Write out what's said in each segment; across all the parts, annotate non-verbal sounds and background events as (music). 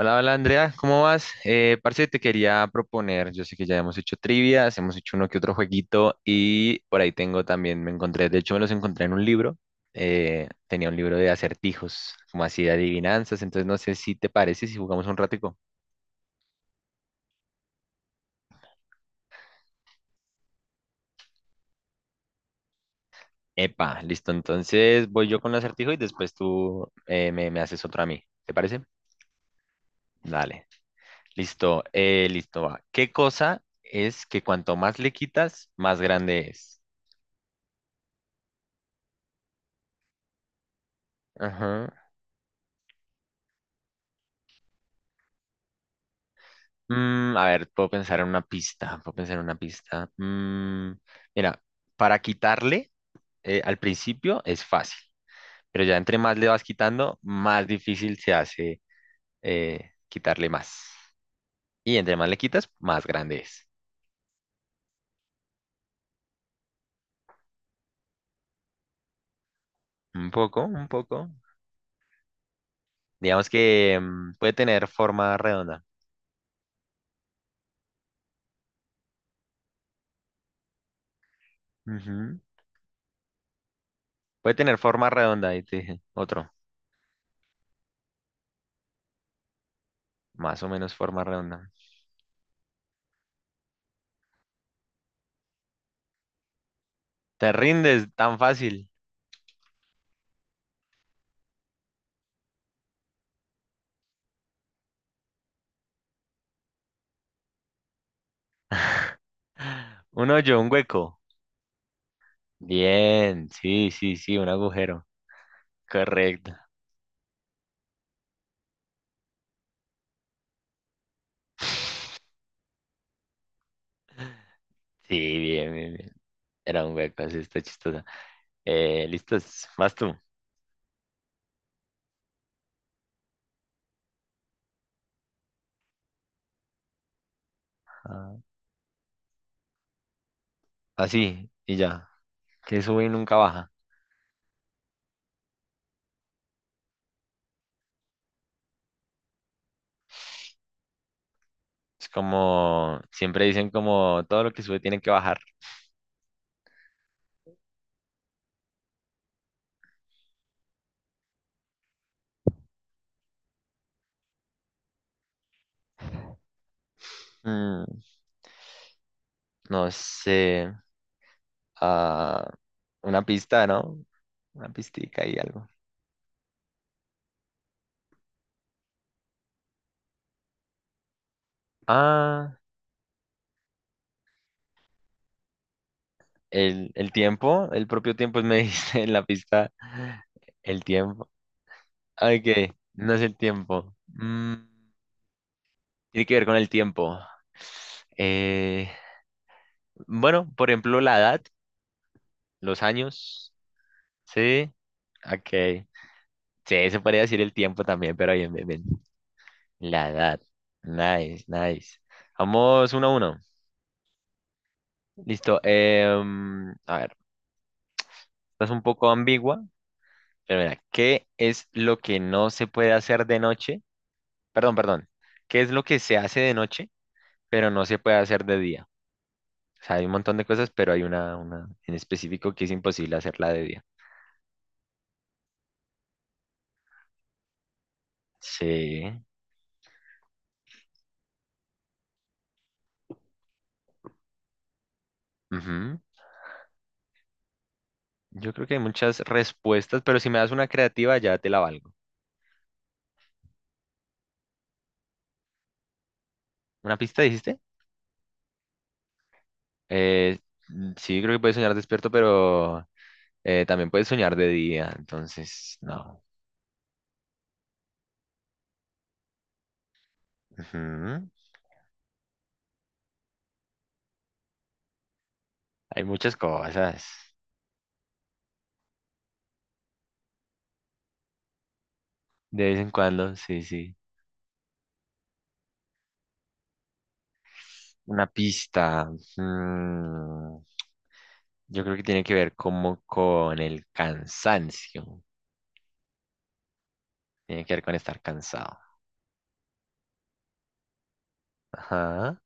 Hola, hola Andrea, ¿cómo vas? Parce, te quería proponer, yo sé que ya hemos hecho trivias, hemos hecho uno que otro jueguito y por ahí tengo también, me encontré, de hecho me los encontré en un libro, tenía un libro de acertijos, como así de adivinanzas, entonces no sé si te parece si jugamos un ratico. Epa, listo, entonces voy yo con el acertijo y después tú me haces otro a mí, ¿te parece? Dale, listo, listo, va. ¿Qué cosa es que cuanto más le quitas, más grande es? Ajá. Mm, a ver, puedo pensar en una pista, puedo pensar en una pista. Mm, mira, para quitarle al principio es fácil, pero ya entre más le vas quitando, más difícil se hace quitarle más. Y entre más le quitas, más grande es. Un poco, un poco. Digamos que puede tener forma redonda. Ujú. Puede tener forma redonda, ahí te dije. Otro, más o menos forma redonda. Te rindes tan fácil. (laughs) Un hoyo, un hueco. Bien, sí, sí, sí, un agujero. Correcto. Sí, bien, bien, bien. Era un hueco, así está chistosa. ¿Listos? Vas tú. Ah, así, y ya. Que sube y nunca baja. Es como, siempre dicen como todo lo que sube tiene que bajar. Mm, no sé. Ah, una pista, ¿no? Una pistica y algo. Ah, el tiempo, el propio tiempo (laughs) me dice en la pista. El tiempo. Ok, no es el tiempo. Mm, tiene que ver con el tiempo. Eh, bueno, por ejemplo, la edad, los años. Sí, ok. Sí, se podría decir el tiempo también, pero bien, bien, bien. La edad. Nice, nice. Vamos uno a uno. Listo. A ver, esta es un poco ambigua, pero mira, ¿qué es lo que no se puede hacer de noche? Perdón, perdón. ¿Qué es lo que se hace de noche, pero no se puede hacer de día? O sea, hay un montón de cosas, pero hay una en específico que es imposible hacerla de día. Sí. Ujú. Yo creo que hay muchas respuestas, pero si me das una creativa ya te la valgo. ¿Una pista dijiste? Eh, sí, creo que puedes soñar despierto, pero también puedes soñar de día, entonces no. Ujú. Hay muchas cosas. De vez en cuando, sí, sí. Una pista. Mm, yo creo que tiene que ver como con el cansancio. Tiene que ver con estar cansado. Ajá.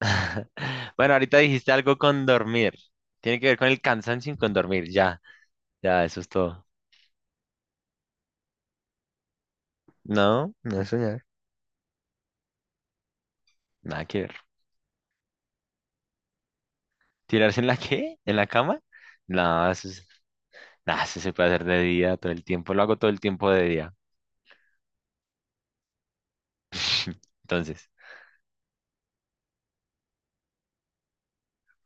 (laughs) Bueno, ahorita dijiste algo con dormir. Tiene que ver con el cansancio y con dormir. Ya, ya, eso es todo. No, no es soñar. Nada que ver. ¿Tirarse en la qué? ¿En la cama? No, eso es... nah, eso se puede hacer de día todo el tiempo. Lo hago todo el tiempo de día. (laughs) Entonces,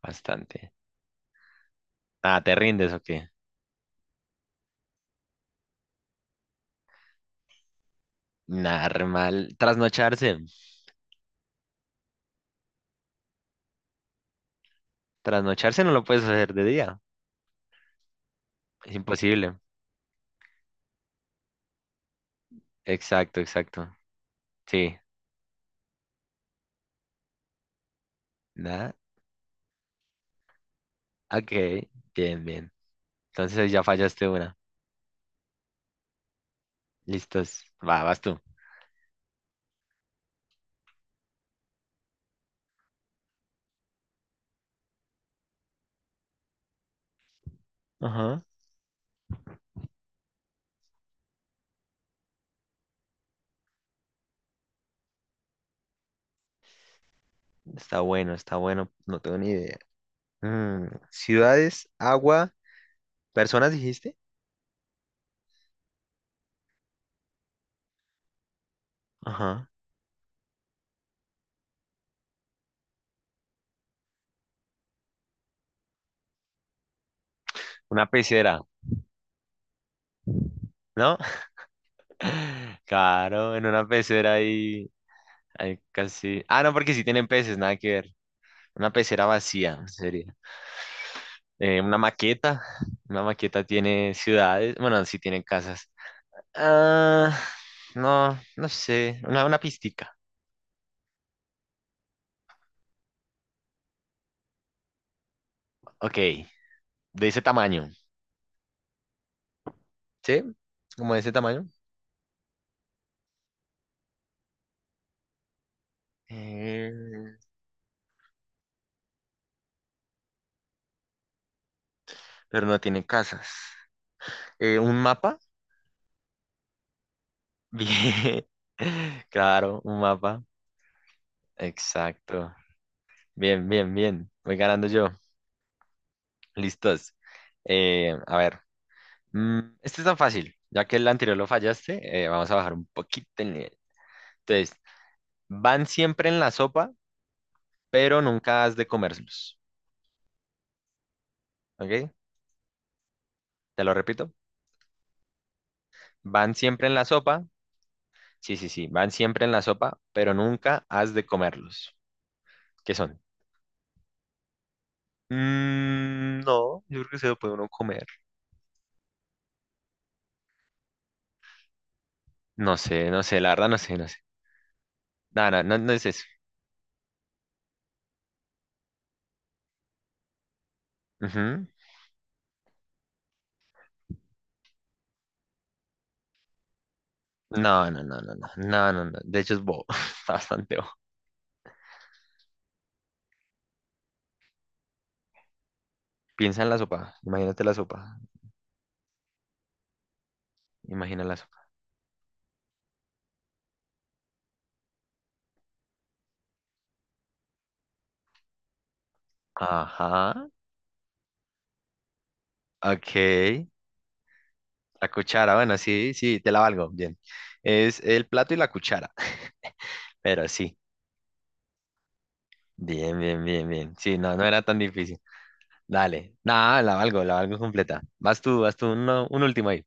bastante. Ah, ¿te rindes o qué? Nada, re mal. Trasnocharse. Trasnocharse no lo puedes hacer de día. Es imposible. Exacto, exacto. Sí. Nada. Ok, bien, bien. Entonces ahí ya fallaste una. Listos. Va, vas tú. Ajá. Está bueno, está bueno. No tengo ni idea. Mm, ciudades, agua, personas, dijiste. Ajá. Una pecera, ¿no? (laughs) Claro, en una pecera hay, hay casi. Ah, no, porque sí tienen peces, nada que ver. Una pecera vacía sería. Una maqueta. Una maqueta tiene ciudades. Bueno, sí tiene casas. Ah, no, no sé. Una pistica. Ok. De ese tamaño, ¿sí? Como de ese tamaño. Eh, pero no tiene casas. ¿Un mapa? Bien. (laughs) Claro, un mapa. Exacto. Bien, bien, bien. Voy ganando yo. Listos. A ver. Mm, este es tan fácil. Ya que el anterior lo fallaste, vamos a bajar un poquito el nivel. Entonces, van siempre en la sopa, pero nunca has de comerlos. ¿Ok? Te lo repito. Van siempre en la sopa, sí, sí, sí, van siempre en la sopa, pero nunca has de comerlos. ¿Qué son? Mm, no, yo creo que se lo puede uno comer. No sé, no sé, la verdad no sé, no sé. No, no, no, no es eso. Ujú. No, no, no, no, no, no, no, no. De hecho es bobo, (laughs) está bastante bobo. Piensa en la sopa, imagínate la sopa, imagina la sopa. Ajá, ok. La cuchara, bueno, sí, sí, te la valgo, bien. Es el plato y la cuchara, (laughs) pero sí, bien, bien, bien, bien. Sí, no, no era tan difícil. Dale. Nada, la valgo completa. Vas tú, un último ahí.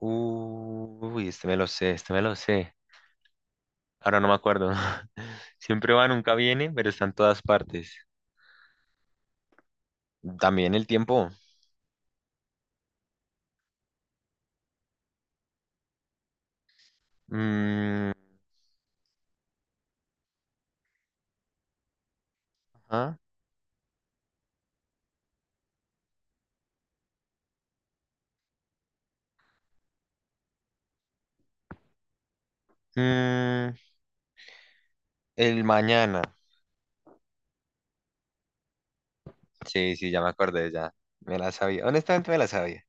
Uy, este me lo sé, este me lo sé. Ahora no me acuerdo. (laughs) Siempre va, nunca viene, pero está en todas partes. También el tiempo. Mm, ajá. Mm, el mañana. Sí, sí, ya me acordé, ya. Me la sabía. Honestamente me la sabía.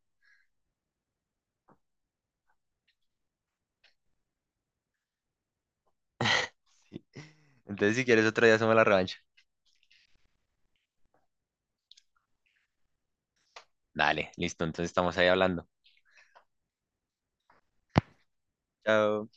Sí. Entonces, si quieres otro día, hacemos la revancha. Dale, listo. Entonces estamos ahí hablando. Chao.